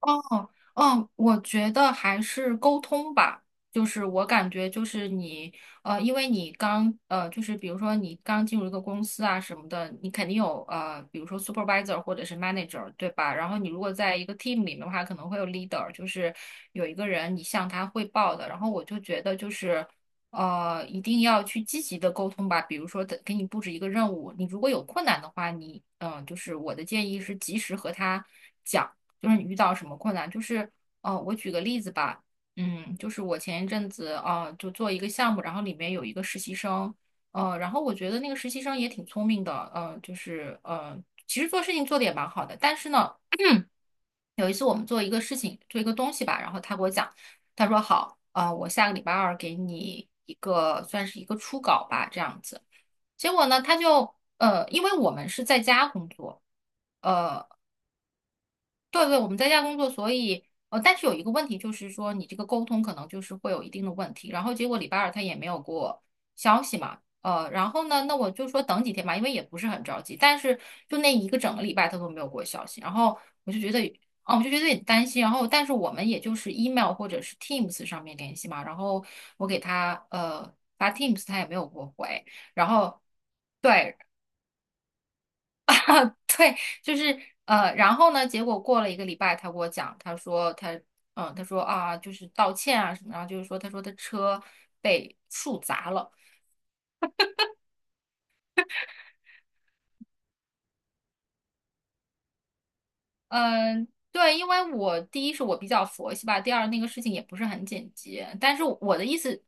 哦，哦，我觉得还是沟通吧，就是我感觉就是你，因为你刚，就是比如说你刚进入一个公司啊什么的，你肯定有比如说 supervisor 或者是 manager，对吧？然后你如果在一个 team 里面的话，可能会有 leader，就是有一个人你向他汇报的。然后我就觉得就是。一定要去积极的沟通吧。比如说的，给你布置一个任务，你如果有困难的话，你就是我的建议是及时和他讲。就是你遇到什么困难，就是我举个例子吧，嗯，就是我前一阵子啊、就做一个项目，然后里面有一个实习生，然后我觉得那个实习生也挺聪明的，其实做事情做的也蛮好的，但是呢，有一次我们做一个事情，做一个东西吧，然后他给我讲，他说好，我下个礼拜二给你一个算是一个初稿吧，这样子。结果呢，他就因为我们是在家工作。呃。对对，我们在家工作，所以但是有一个问题就是说，你这个沟通可能就是会有一定的问题。然后结果礼拜二他也没有给我消息嘛，然后呢，那我就说等几天吧，因为也不是很着急。但是就那一个整个礼拜他都没有给我消息，然后我就觉得，哦，我就觉得有点担心。然后但是我们也就是 email 或者是 Teams 上面联系嘛，然后我给他发 Teams，他也没有给我回，然后。对，对，就是然后呢，结果过了一个礼拜，他给我讲，他说他，嗯，他说啊，就是道歉啊什么，然后就是说，他说他车被树砸了，嗯，对，因为我第一是我比较佛系吧，第二那个事情也不是很紧急，但是我的意思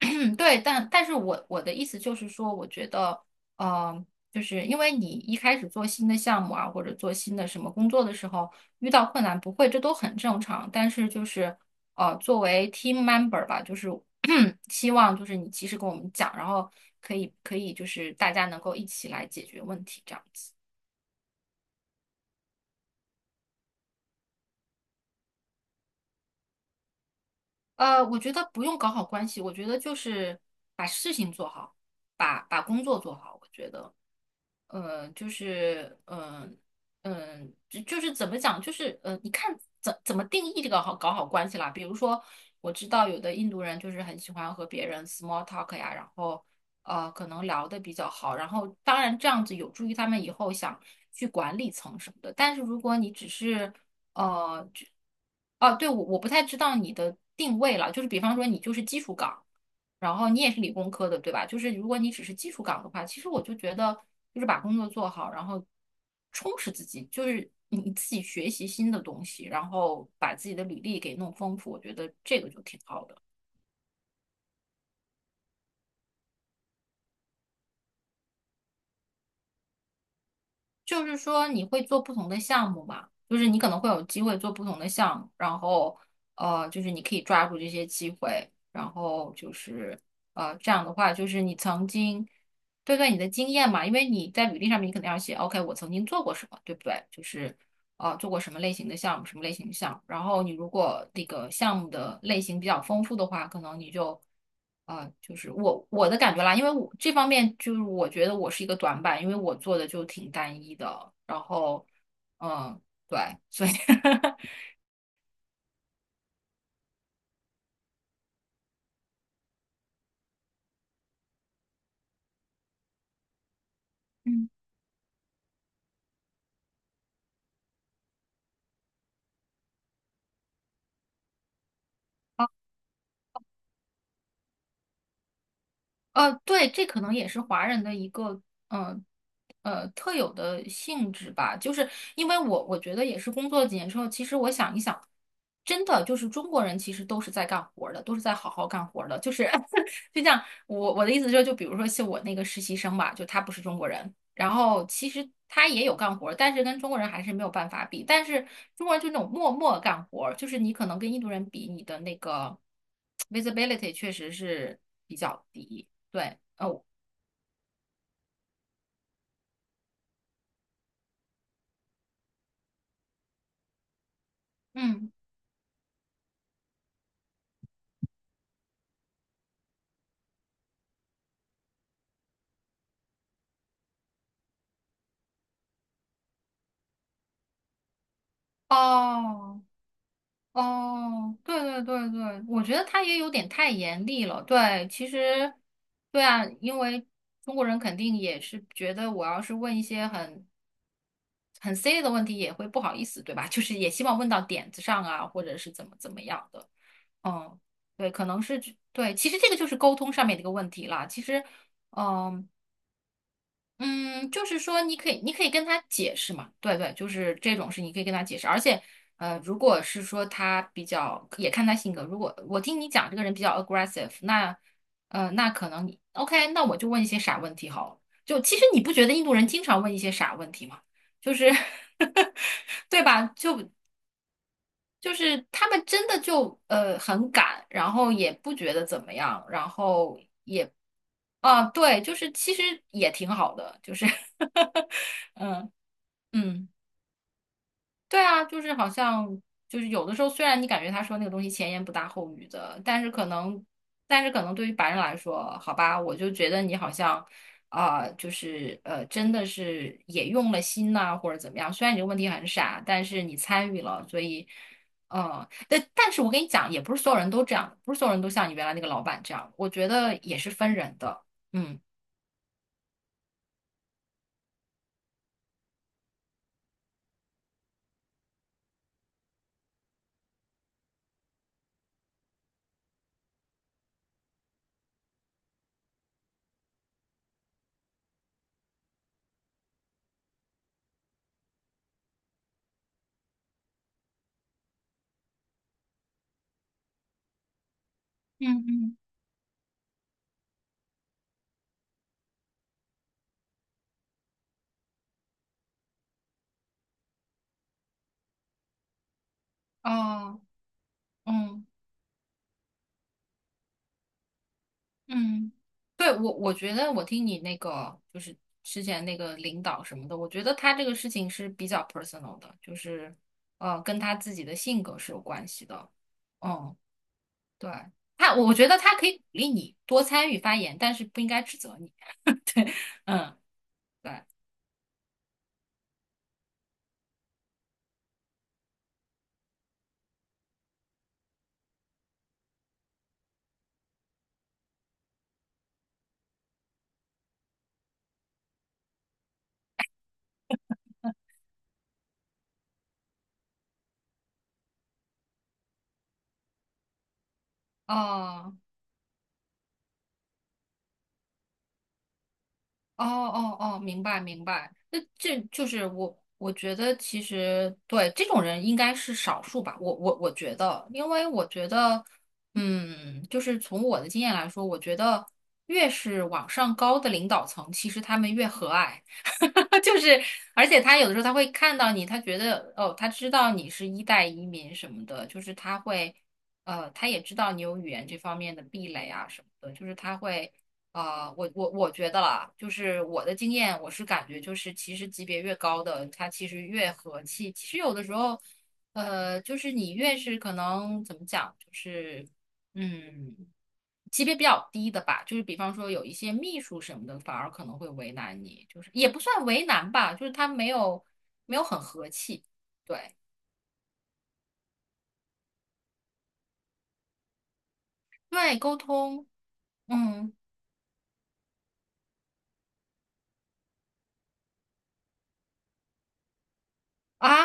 对，但是我的意思就是说，我觉得，呃，就是因为你一开始做新的项目啊，或者做新的什么工作的时候，遇到困难不会，这都很正常。但是就是，作为 team member 吧，就是 希望就是你及时跟我们讲，然后可以就是大家能够一起来解决问题这样子。我觉得不用搞好关系，我觉得就是把事情做好，把工作做好，我觉得。呃，就是嗯就是怎么讲，就是你看怎么定义这个好搞好关系啦？比如说，我知道有的印度人就是很喜欢和别人 small talk 呀，然后可能聊的比较好，然后当然这样子有助于他们以后想去管理层什么的。但是如果你只是就哦，对，我不太知道你的定位了，就是比方说你就是基础岗。然后你也是理工科的，对吧？就是如果你只是技术岗的话，其实我就觉得就是把工作做好，然后充实自己，就是你自己学习新的东西，然后把自己的履历给弄丰富，我觉得这个就挺好的。就是说你会做不同的项目嘛，就是你可能会有机会做不同的项目，然后就是你可以抓住这些机会，然后就是这样的话就是你曾经对，对你的经验嘛，因为你在履历上面你肯定要写，OK，我曾经做过什么，对不对？就是。啊，做过什么类型的项目，什么类型的项目。然后你如果那个项目的类型比较丰富的话，可能你就，啊，就是我的感觉啦，因为我这方面就是我觉得我是一个短板，因为我做的就挺单一的。然后，嗯，对，所以 嗯。对，这可能也是华人的一个，呃，特有的性质吧。就是因为我觉得也是工作几年之后，其实我想一想，真的就是中国人其实都是在干活儿的，都是在好好干活儿的。就是 就像我的意思就是，就比如说像我那个实习生吧，就他不是中国人，然后其实他也有干活儿，但是跟中国人还是没有办法比。但是中国人就那种默默干活儿，就是你可能跟印度人比，你的那个 visibility 确实是比较低。对，哦，嗯，哦，哦，对对对对，我觉得他也有点太严厉了。对，其实，对啊，因为中国人肯定也是觉得，我要是问一些很 C 的问题，也会不好意思，对吧？就是也希望问到点子上啊，或者是怎么怎么样的。嗯，对，可能是对，其实这个就是沟通上面的一个问题啦。其实，嗯、嗯，就是说，你可以，你可以跟他解释嘛，对对，就是这种事，你可以跟他解释。而且，如果是说他比较，也看他性格。如果我听你讲这个人比较 aggressive，那，那可能你 OK，那我就问一些傻问题好了。就其实你不觉得印度人经常问一些傻问题吗？就是 对吧？就是他们真的就很敢，然后也不觉得怎么样，然后。啊，对，就是其实也挺好的，就是 嗯嗯，对啊，就是好像就是有的时候，虽然你感觉他说那个东西前言不搭后语的，但是可能，但是可能对于白人来说，好吧，我就觉得你好像就是真的是也用了心呐、或者怎么样。虽然你这个问题很傻，但是你参与了，所以但是我跟你讲，也不是所有人都这样，不是所有人都像你原来那个老板这样，我觉得也是分人的，嗯嗯。哦，嗯嗯，对，我觉得我听你那个就是之前那个领导什么的，我觉得他这个事情是比较 personal 的，就是跟他自己的性格是有关系的。嗯，对，他我觉得他可以鼓励你多参与发言，但是不应该指责你。嗯，对，哦、哦哦哦，明白明白。那这就是我，我觉得其实对这种人应该是少数吧。我觉得，因为我觉得，嗯，就是从我的经验来说，我觉得越是往上高的领导层，其实他们越和蔼，就是而且他有的时候他会看到你，他觉得哦，他知道你是一代移民什么的，就是他会。他也知道你有语言这方面的壁垒啊什么的，就是他会我觉得啦，就是我的经验，我是感觉就是，其实级别越高的，他其实越和气。其实有的时候，就是你越是可能怎么讲，就是嗯，级别比较低的吧，就是比方说有一些秘书什么的，反而可能会为难你，就是也不算为难吧，就是他没有很和气，对，对外沟通，嗯。啊，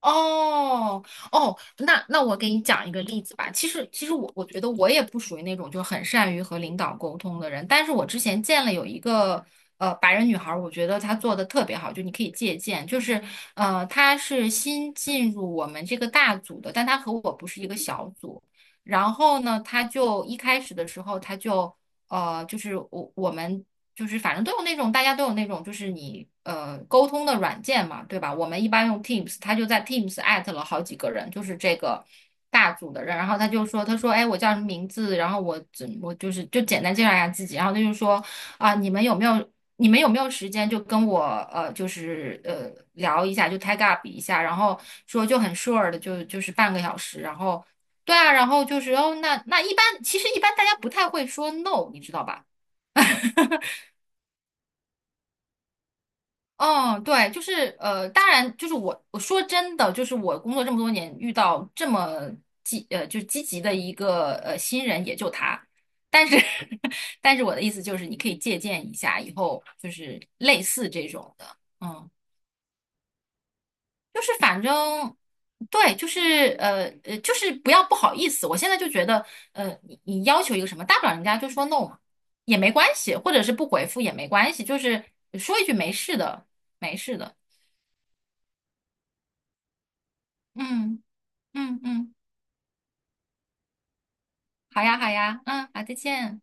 哦哦，那我给你讲一个例子吧。其实我觉得我也不属于那种就很善于和领导沟通的人，但是我之前见了有一个白人女孩儿，我觉得她做的特别好，就你可以借鉴。就是她是新进入我们这个大组的，但她和我不是一个小组。然后呢，她就一开始的时候，她就就是我们。就是反正都有那种，大家都有那种，就是你沟通的软件嘛，对吧？我们一般用 Teams，他就在 Teams 艾特了好几个人，就是这个大组的人，然后他就说，他说，哎，我叫什么名字？然后我就是就简单介绍一下自己，然后他就说，啊，你们有没有时间就跟我就是聊一下，就 tag up 一下，然后说就很 sure 的就是半个小时，然后对啊，然后就是哦，那一般其实一般大家不太会说 no，你知道吧？嗯，对，就是当然，就是我说真的，就是我工作这么多年，遇到这么就是积极的一个新人，也就他。但是，但是我的意思就是，你可以借鉴一下，以后就是类似这种的，嗯，就是反正对，就是就是不要不好意思。我现在就觉得，你要求一个什么，大不了人家就说 no 嘛，也没关系，或者是不回复也没关系，就是说一句没事的，没事的，嗯。嗯嗯，好呀好呀，嗯，好，再见。